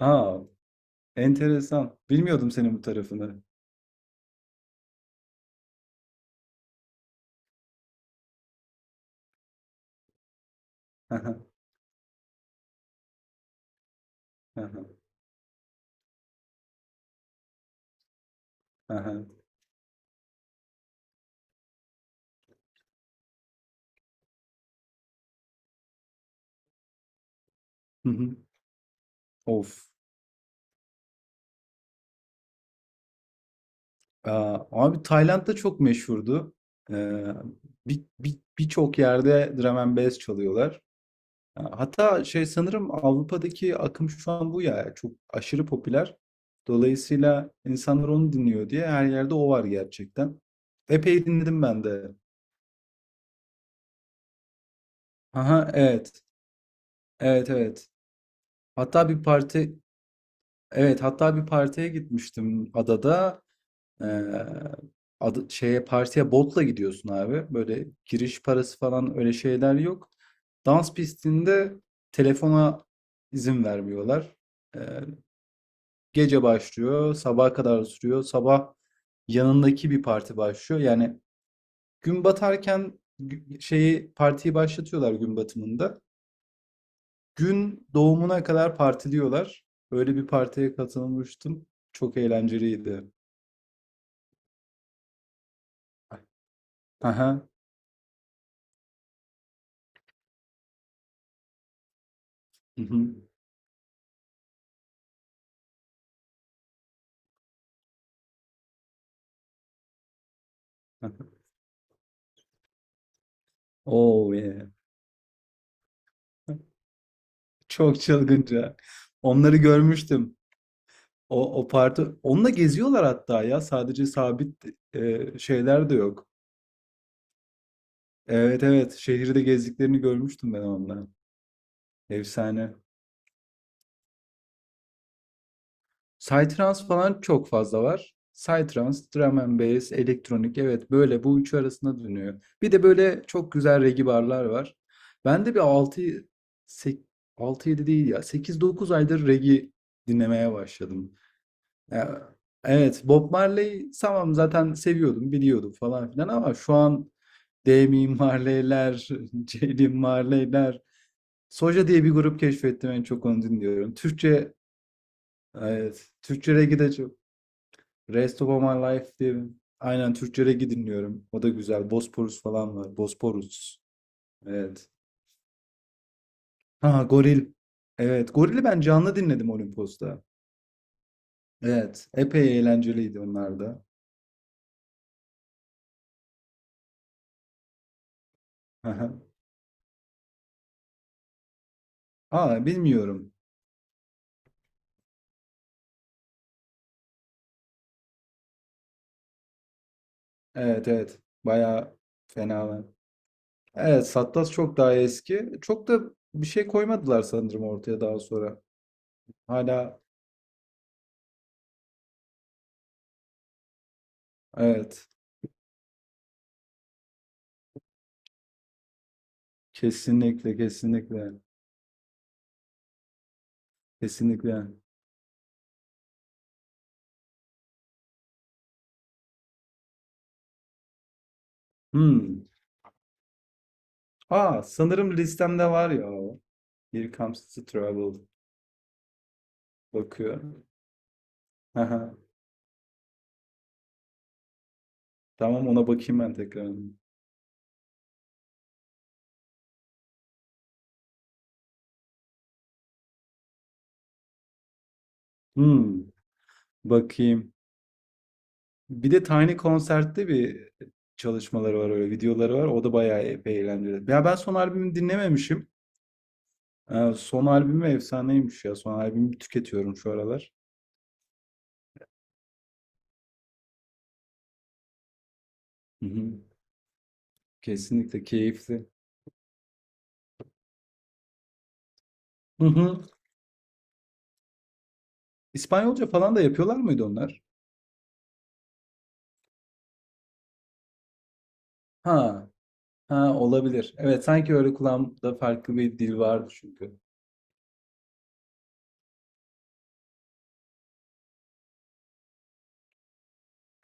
A! Enteresan. Bilmiyordum senin bu tarafını. Hı hı. Hı hı. Hı hı. Hı hı. Of! Aaa, abi Tayland'da çok meşhurdu. Eee, birçok yerde drum and bass çalıyorlar. Aaa, hatta şey sanırım Avrupa'daki akım şu an bu ya. Çok aşırı popüler. Dolayısıyla insanlar onu dinliyor diye her yerde o var gerçekten. Epey dinledim ben de. Hı, evet. Evet, evet. Hatta bir parti Evet, hatta bir partiye gitmiştim adada. Ee, şeye partiye botla gidiyorsun abi. Böyle giriş parası falan öyle şeyler yok. Dans pistinde telefona izin vermiyorlar. Ee, gece başlıyor, sabaha kadar sürüyor. Sabah yanındaki bir parti başlıyor. Yani gün batarken şeyi partiyi başlatıyorlar gün batımında. Gün doğumuna kadar partiliyorlar. Öyle bir partiye katılmıştım. Çok eğlenceliydi. Aha. Hı hı. Aha. Oh yeah. Çok çılgınca. Onları görmüştüm. O parti. Onunla geziyorlar hatta ya. Sadece sabit şeyler de yok. Evet, evet. Şehirde gezdiklerini görmüştüm ben onunla. Efsane. Psytrance falan çok fazla var. Psytrance, drum and bass, elektronik evet böyle bu üçü arasında dönüyor. Bir de böyle çok güzel reggae barlar var. Ben de bir altı, 6-7 değil ya, 8-9 aydır reggae dinlemeye başladım. Ya, evet, Bob Marley tamam zaten seviyordum biliyordum falan filan ama şu an Damian Marley'ler, Jaylin Marley'ler, Soja diye bir grup keşfettim en çok onu dinliyorum. Türkçe evet Türkçe reggae de çok Rest of My Life diye aynen Türkçe reggae dinliyorum. O da güzel. Bosporus falan var. Bosporus. Evet. Ha, Goril. Evet. Goril'i ben canlı dinledim Olimpos'ta. Evet. Epey eğlenceliydi onlar da. Aha. Aa, bilmiyorum. Evet, evet. Bayağı fena var. Evet, Sattas çok daha eski. Çok da bir şey koymadılar sanırım ortaya daha sonra. Hala, evet. Kesinlikle kesinlikle. Kesinlikle. Hmm. Aa, sanırım listemde var ya. Here comes the trouble. Bakıyor. Aha. Tamam, ona bakayım ben tekrar. Hmm, bakayım. Bir de Tiny Concert'te bir çalışmaları var, öyle videoları var. O da bayağı epey eğlenceli. Ya ben son albümü dinlememişim. Son albümü efsaneymiş ya. Son albümü tüketiyorum şu aralar. Hı hı. Kesinlikle keyifli. Hı hı. İspanyolca falan da yapıyorlar mıydı onlar? Ha, ha olabilir. Evet, sanki öyle kulağımda farklı bir dil vardı çünkü.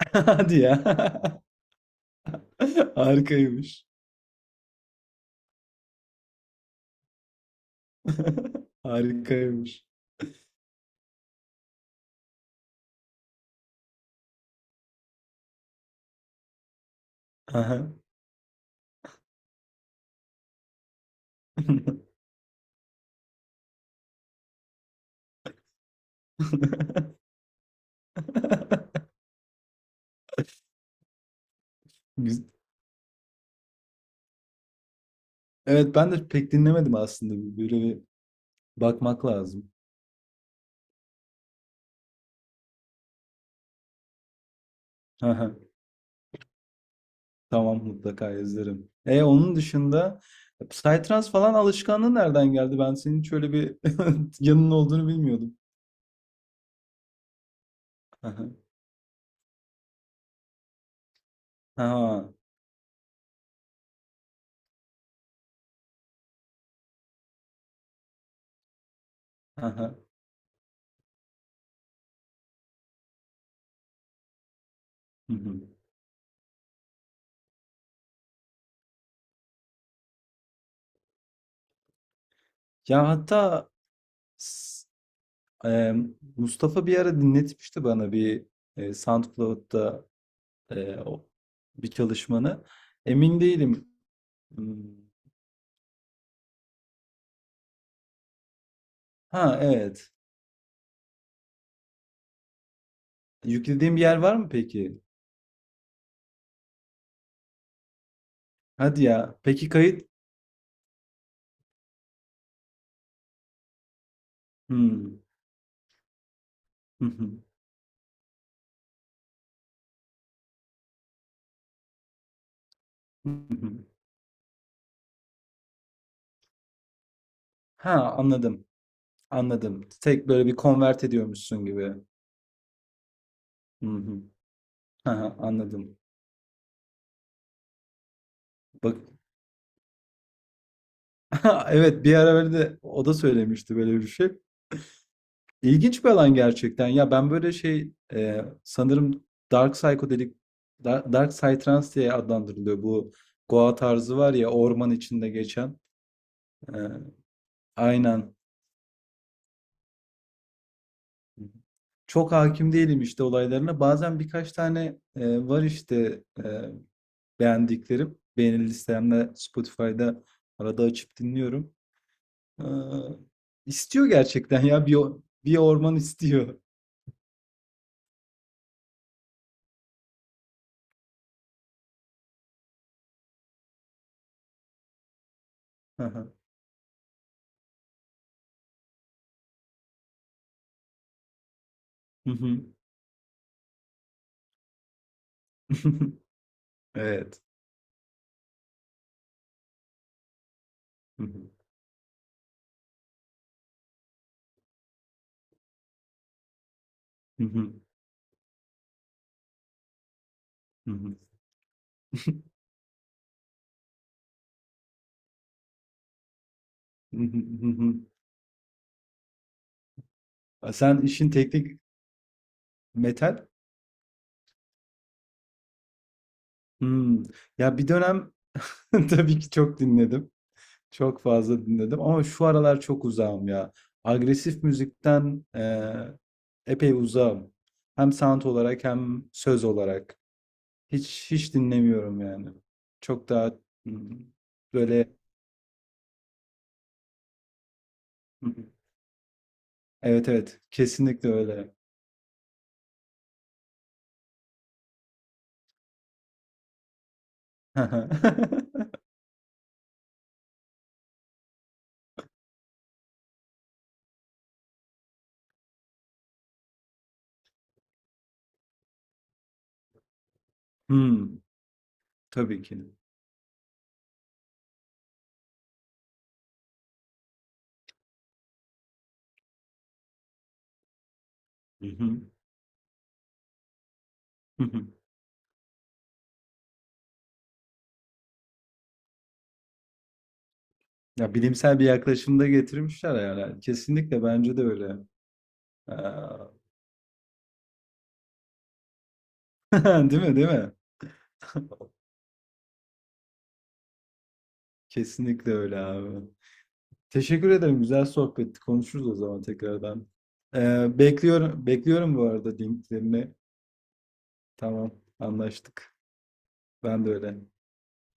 Hadi ya. Harikaymış. Harikaymış. Aha. Güz- Evet, ben de pek dinlemedim aslında. Böyle bir bakmak lazım. Aha. Tamam, mutlaka izlerim. E onun dışında Psytrance falan alışkanlığı nereden geldi? Ben senin şöyle bir yanının olduğunu bilmiyordum. Aha. Aha. Aha. Hı hı. Ya hatta s- e, Mustafa bir ara dinletmişti bana bir SoundCloud'da e, o- bir çalışmanı. Emin değilim. Hmm, ha evet. Yüklediğim bir yer var mı peki? Hadi ya. Peki kayıt? Hmm. Hı hı. Hı hı. Ha, anladım. Anladım. Tek böyle bir convert ediyormuşsun gibi. Hı hı. Ha, anladım. Bak evet bir ara böyle de o da söylemişti böyle bir şey. İlginç bir alan gerçekten. Ya ben böyle şey sanırım Dark Psychedelic Dark Psytrance diye adlandırılıyor. Bu Goa tarzı var ya orman içinde geçen. E, aynen. Çok hakim değilim işte olaylarına. Bazen birkaç tane var işte beğendiklerim. Beğeni listemde Spotify'da arada açıp dinliyorum. E, istiyor gerçekten ya bir orman istiyor. Hı hı. Evet. Hı hı. Hı hı. Hı hı. Hı hı, hı hı. A, sen işin teknik metal. Hmm. Ya, bir dönem tabii ki çok dinledim. Çok fazla dinledim ama şu aralar çok uzağım ya. Agresif müzikten, epey uzağım. Hem sound olarak hem söz olarak. Hiç hiç dinlemiyorum yani. Çok daha. Hı. Böyle. Hı. Evet, evet. Kesinlikle öyle. Hı hı. Tabii ki. Hı hı. Hı hı. Ya bilimsel bir yaklaşımda getirmişler yani. Kesinlikle bence de öyle. Ee, Değil mi? Değil mi? Kesinlikle öyle abi. Teşekkür ederim. Güzel sohbetti. Konuşuruz o zaman tekrardan. Bekliyorum, bekliyorum bu arada linklerini. Tamam, anlaştık. Ben de öyle.